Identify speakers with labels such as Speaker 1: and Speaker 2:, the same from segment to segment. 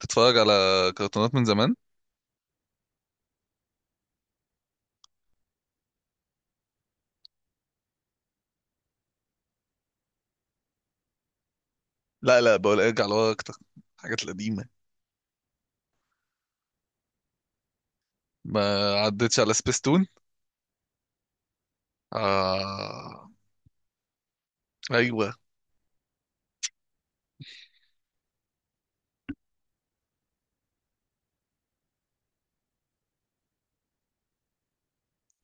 Speaker 1: تتفرج على كرتونات من زمان. لا، بقول ارجع لورا اكتر الحاجات القديمه. ما عدتش على سبيستون. آه... ايوه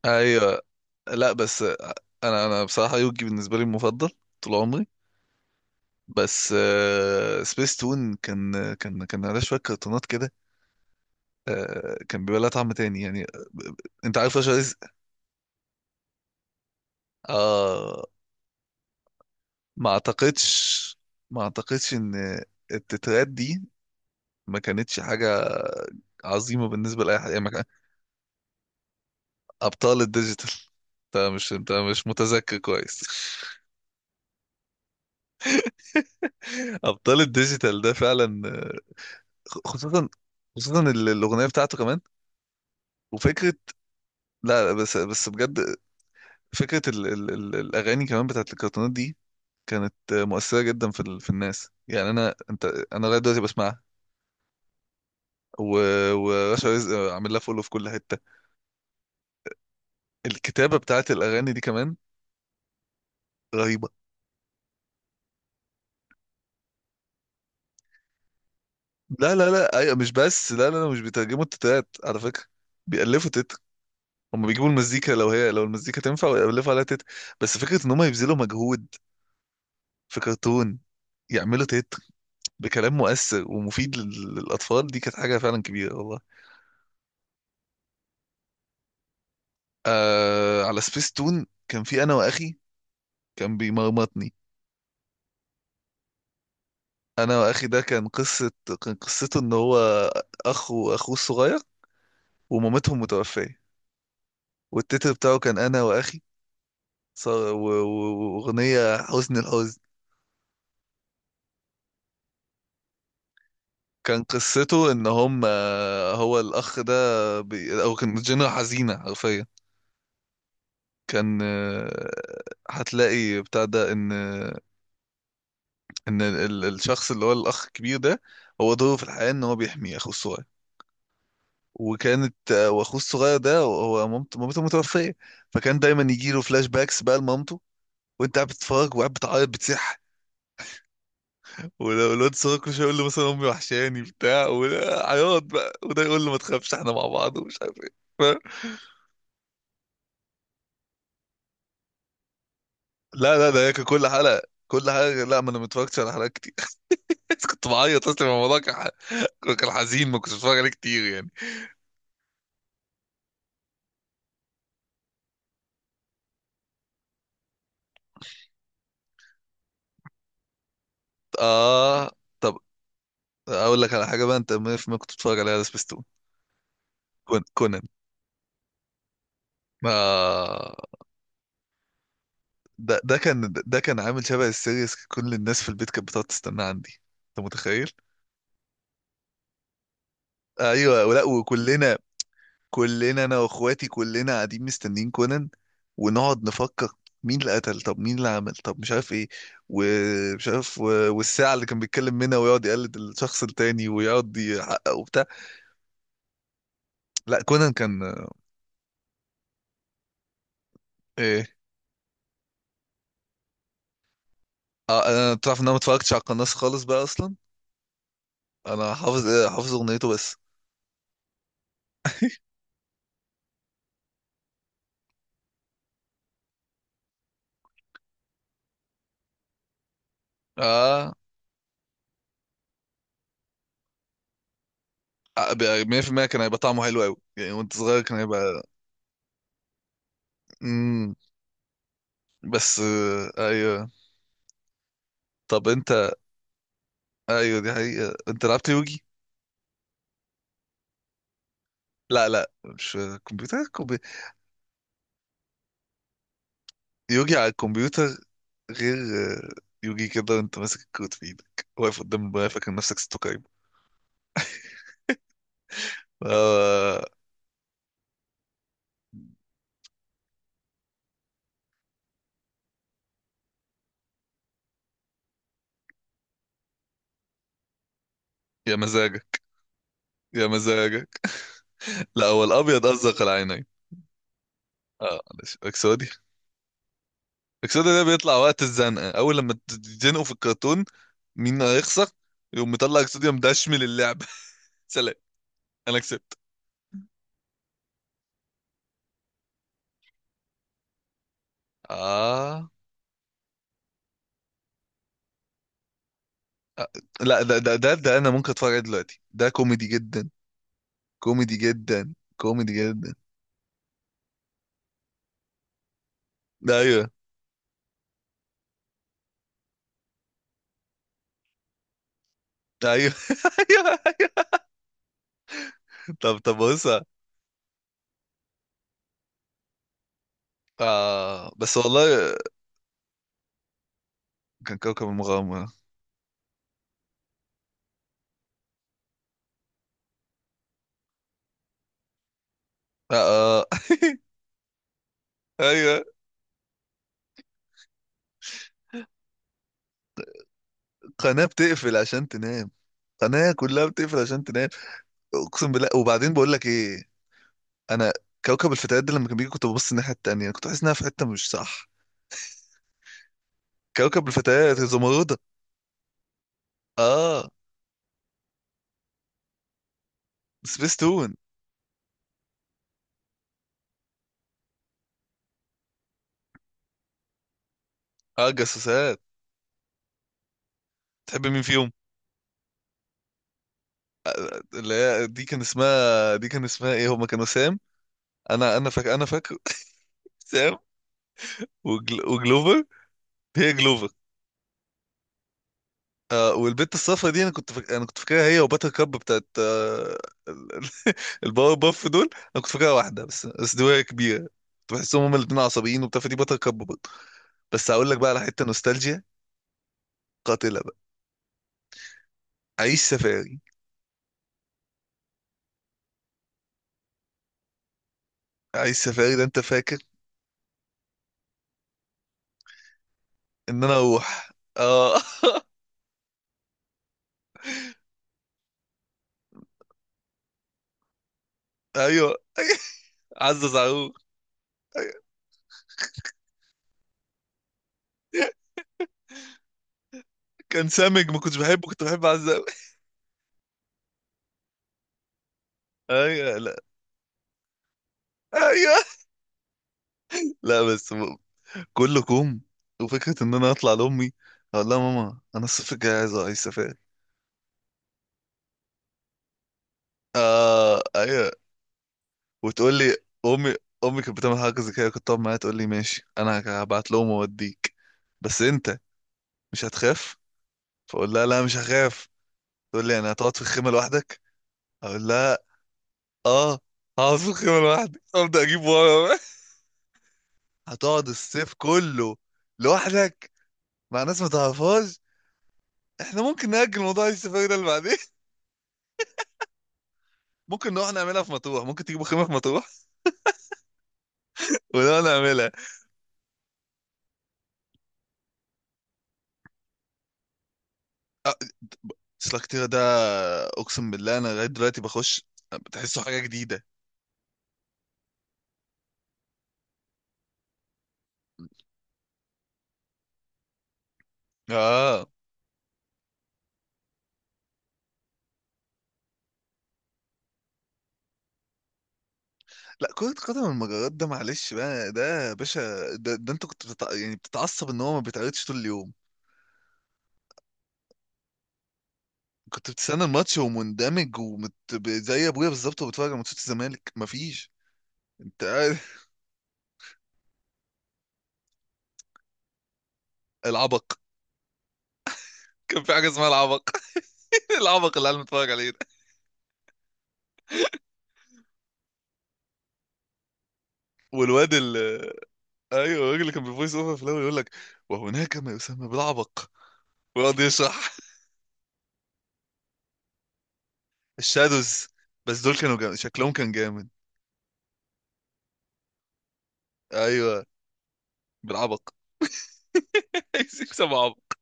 Speaker 1: ايوه. لا بس انا بصراحه يوجي بالنسبه لي المفضل طول عمري. بس سبيستون كان عليه شويه كرتونات كده. كان بيبقى لها طعم تاني ب- انت عارف رشا رزق؟ آه... ما اعتقدش، ما اعتقدش ان التترات دي ما كانتش حاجة عظيمة بالنسبة لأي حد، يعني ما كان- أبطال الديجيتال. انت مش متذكر كويس. أبطال الديجيتال ده فعلا، خصوصا، خصوصا الأغنية بتاعته كمان. وفكرة لا، بس بجد فكرة ال ال ال الأغاني كمان بتاعت الكرتونات دي كانت مؤثرة جدا في ال في الناس، يعني أنا أنت أنا لغاية دلوقتي بسمعها. و- ورشا رزق عامل لها فولو في كل حتة. الكتابة بتاعت الأغاني دي كمان رهيبة. لا، ايوه، مش بس، لا، مش بيترجموا التتات على فكره، بيألفوا تت. هم بيجيبوا المزيكا، لو هي لو المزيكا تنفع ويألفوا عليها تت. بس فكره ان هم يبذلوا مجهود في كرتون يعملوا تت بكلام مؤثر ومفيد للاطفال دي كانت حاجه فعلا كبيره والله. آه، على سبيس تون كان في انا واخي، كان بيمرمطني. انا واخي ده كان قصه، كان قصته ان هو اخ واخوه الصغير ومامتهم متوفيه. والتتر بتاعه كان انا واخي ص- و- و- وأغنية حزن الحزن. كان قصته إن هم آه، هو الأخ ده أو كان جنة حزينة حرفيا. كان، هتلاقي بتاع ده إن إن الشخص اللي هو الأخ الكبير ده هو دوره في الحياة إن هو بيحمي أخوه الصغير. وكانت آه، وأخوه الصغير ده هو مامته متوفية. فكان دايما يجيله فلاش باكس بقى لمامته، وأنت قاعد بتتفرج وقاعد بتعيط بتصيح. ولو الواد الصغير كل شويه يقول له مثلا امي وحشاني بتاع عياط بقى، وده يقول له ما تخافش احنا مع بعض ومش عارف ايه. فاهم؟ لا، ده هي كان كل حلقه كل حاجه. لا، ما انا ما اتفرجتش على حلقات كتير. كنت بعيط اصلا، الموضوع كان حزين، ما كنتش بتفرج عليه كتير يعني. اه، طب اقول لك على حاجه بقى، انت 100% كنت بتتفرج عليها على سبيستون. كونان. ما ده كان عامل شبه السيريس، كل الناس في البيت كانت بتقعد تستناه عندي، انت متخيل؟ ايوه، ولا وكلنا، كلنا انا واخواتي كلنا قاعدين مستنيين كونان. ونقعد نفكر مين اللي قتل، طب مين اللي عمل، طب مش عارف ايه، ومش عارف و- والساعة اللي كان بيتكلم منها ويقعد يقلد الشخص التاني ويقعد يحقق وبتاع. لا كونان كان ايه. آه، انا تعرف ان انا ما اتفرجتش على القناص خالص بقى اصلا؟ انا حافظ، حافظ اغنيته بس. اه، 100% كان هيبقى طعمه حلو قوي يعني، وانت صغير كان هيبقى. امم بس، ايوه. طب انت، ايوه دي حقيقة، انت لعبت يوجي؟ لا لا، مش كمبيوتر، يوجي على الكمبيوتر غير، يوجي كده وانت ماسك الكود في ايدك واقف قدام المرايه فاكر نفسك ستوكايم. آه. يا مزاجك، يا مزاجك. لا هو الابيض ازرق العينين. اه معلش اكسودي. اكسودي ده بيطلع وقت الزنقه، اول لما تتزنقوا في الكرتون مين هيخسر، يقوم مطلع اكسودي مدشمل اللعبه. سلام. انا كسبت. اه، آه، لا ده ده انا ممكن اتفرج عليه دلوقتي، ده كوميدي جدا. كوميدي جدا كوميدي جدا. ايوه ايوه. ايوه ايوه. طب بص. آه بس والله، كان كوكب المغامرة. آه. آه. ايوه. قناة بتقفل عشان تنام، قناة كلها بتقفل عشان تنام. اقسم بالله. وبعدين بقول لك ايه، انا كوكب الفتيات ده لما كان بيجي كنت ببص الناحية التانية، كنت بحس انها في حتة مش صح. كوكب الفتيات الزمردة. اه، سبيس تون. اه الجاسوسات. تحب مين فيهم؟ اللي هي دي كان اسمها، دي كان اسمها ايه، هما كانوا سام انا انا فاكر، انا فاكر. سام وجل... وجلوفر. هي جلوفر. آه، والبنت الصفرا دي انا كنت فاكرها هي وباتر كاب بتاعت ال- ال- الباور باف دول، انا كنت فاكرها واحده بس. دي وهي كبيره كنت بحسهم هما الاثنين عصبيين وبتاع، فدي باتر كاب برضه. بس هقول لك بقى على حته نوستالجيا قاتله بقى، عيش سفاري. عيش سفاري ده انت فاكر؟ ان انا اروح، اه. ايوه. عزة زعرور. كان سامج ما كنتش بحبه، كنت بحب عزة قوي. ايوه، لا ايوه، لا بس كله كوم. وفكرة إن أنا أطلع لأمي أقول لها ماما أنا الصيف الجاي عايز سفاري. آه أيوة. وتقول لي، أمي أمي كانت بتعمل حاجة زي كده، كنت أقعد معاها تقول لي ماشي أنا هبعت لهم وأوديك بس أنت مش هتخاف. فأقول لها لا مش هخاف. تقول لي يعني هتقعد في الخيمة لوحدك، أقول لها آه هقعد في الخيمة لوحدي، أبدأ أجيب ورا بقى. هتقعد الصيف كله لوحدك مع ناس ما تعرفهاش؟ احنا ممكن نأجل موضوع السفاري ده اللي بعدين. ممكن نروح نعملها في مطروح، ممكن تجيبوا خيمة في مطروح ونقعد نعملها. سلاكتيرا ده، اقسم بالله انا لغايه دلوقتي بخش بتحسه حاجه جديده. اه. لا كرة قدم المجرات ده معلش بقى ده يا باشا، ده انت كنت بتتعصب ان هو ما بيتعرضش طول اليوم. كنت بتستنى الماتش ومندمج زي ابويا بالظبط، وبتفرج على ماتشات الزمالك مفيش انت قاعد- العبق. كان في حاجه اسمها العبق. العبق اللي قاعد متفرج عليه ده والواد ال ايوه الراجل اللي كان بيفويس اوفر في الاول يقول لك وهناك ما يسمى بالعبق، ويقعد يشرح. الشادوز، بس دول كانوا جامد. شكلهم كان جامد. ايوه بالعبق. عايز يكسب عبط.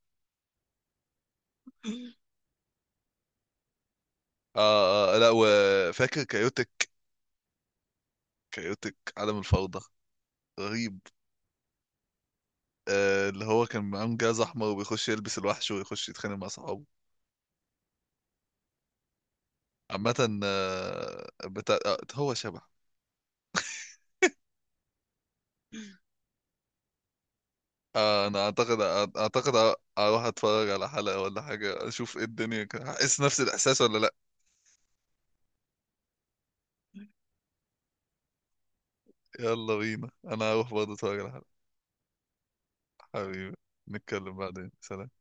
Speaker 1: اه، لا وفاكر كايوتك؟ كايوتك عالم الفوضى رهيب. آه اللي هو كان معاه جاز احمر وبيخش يلبس الوحش ويخش يتخانق مع صحابه. عامة آه بتاع آه هو شبح. آه انا اعتقد، اروح اتفرج على حلقة ولا حاجة اشوف ايه الدنيا كده. هحس نفس الاحساس ولا لا؟ يلا بينا، انا هروح برضه اتفرج على حلقة. حبيبي، نتكلم بعدين، سلام.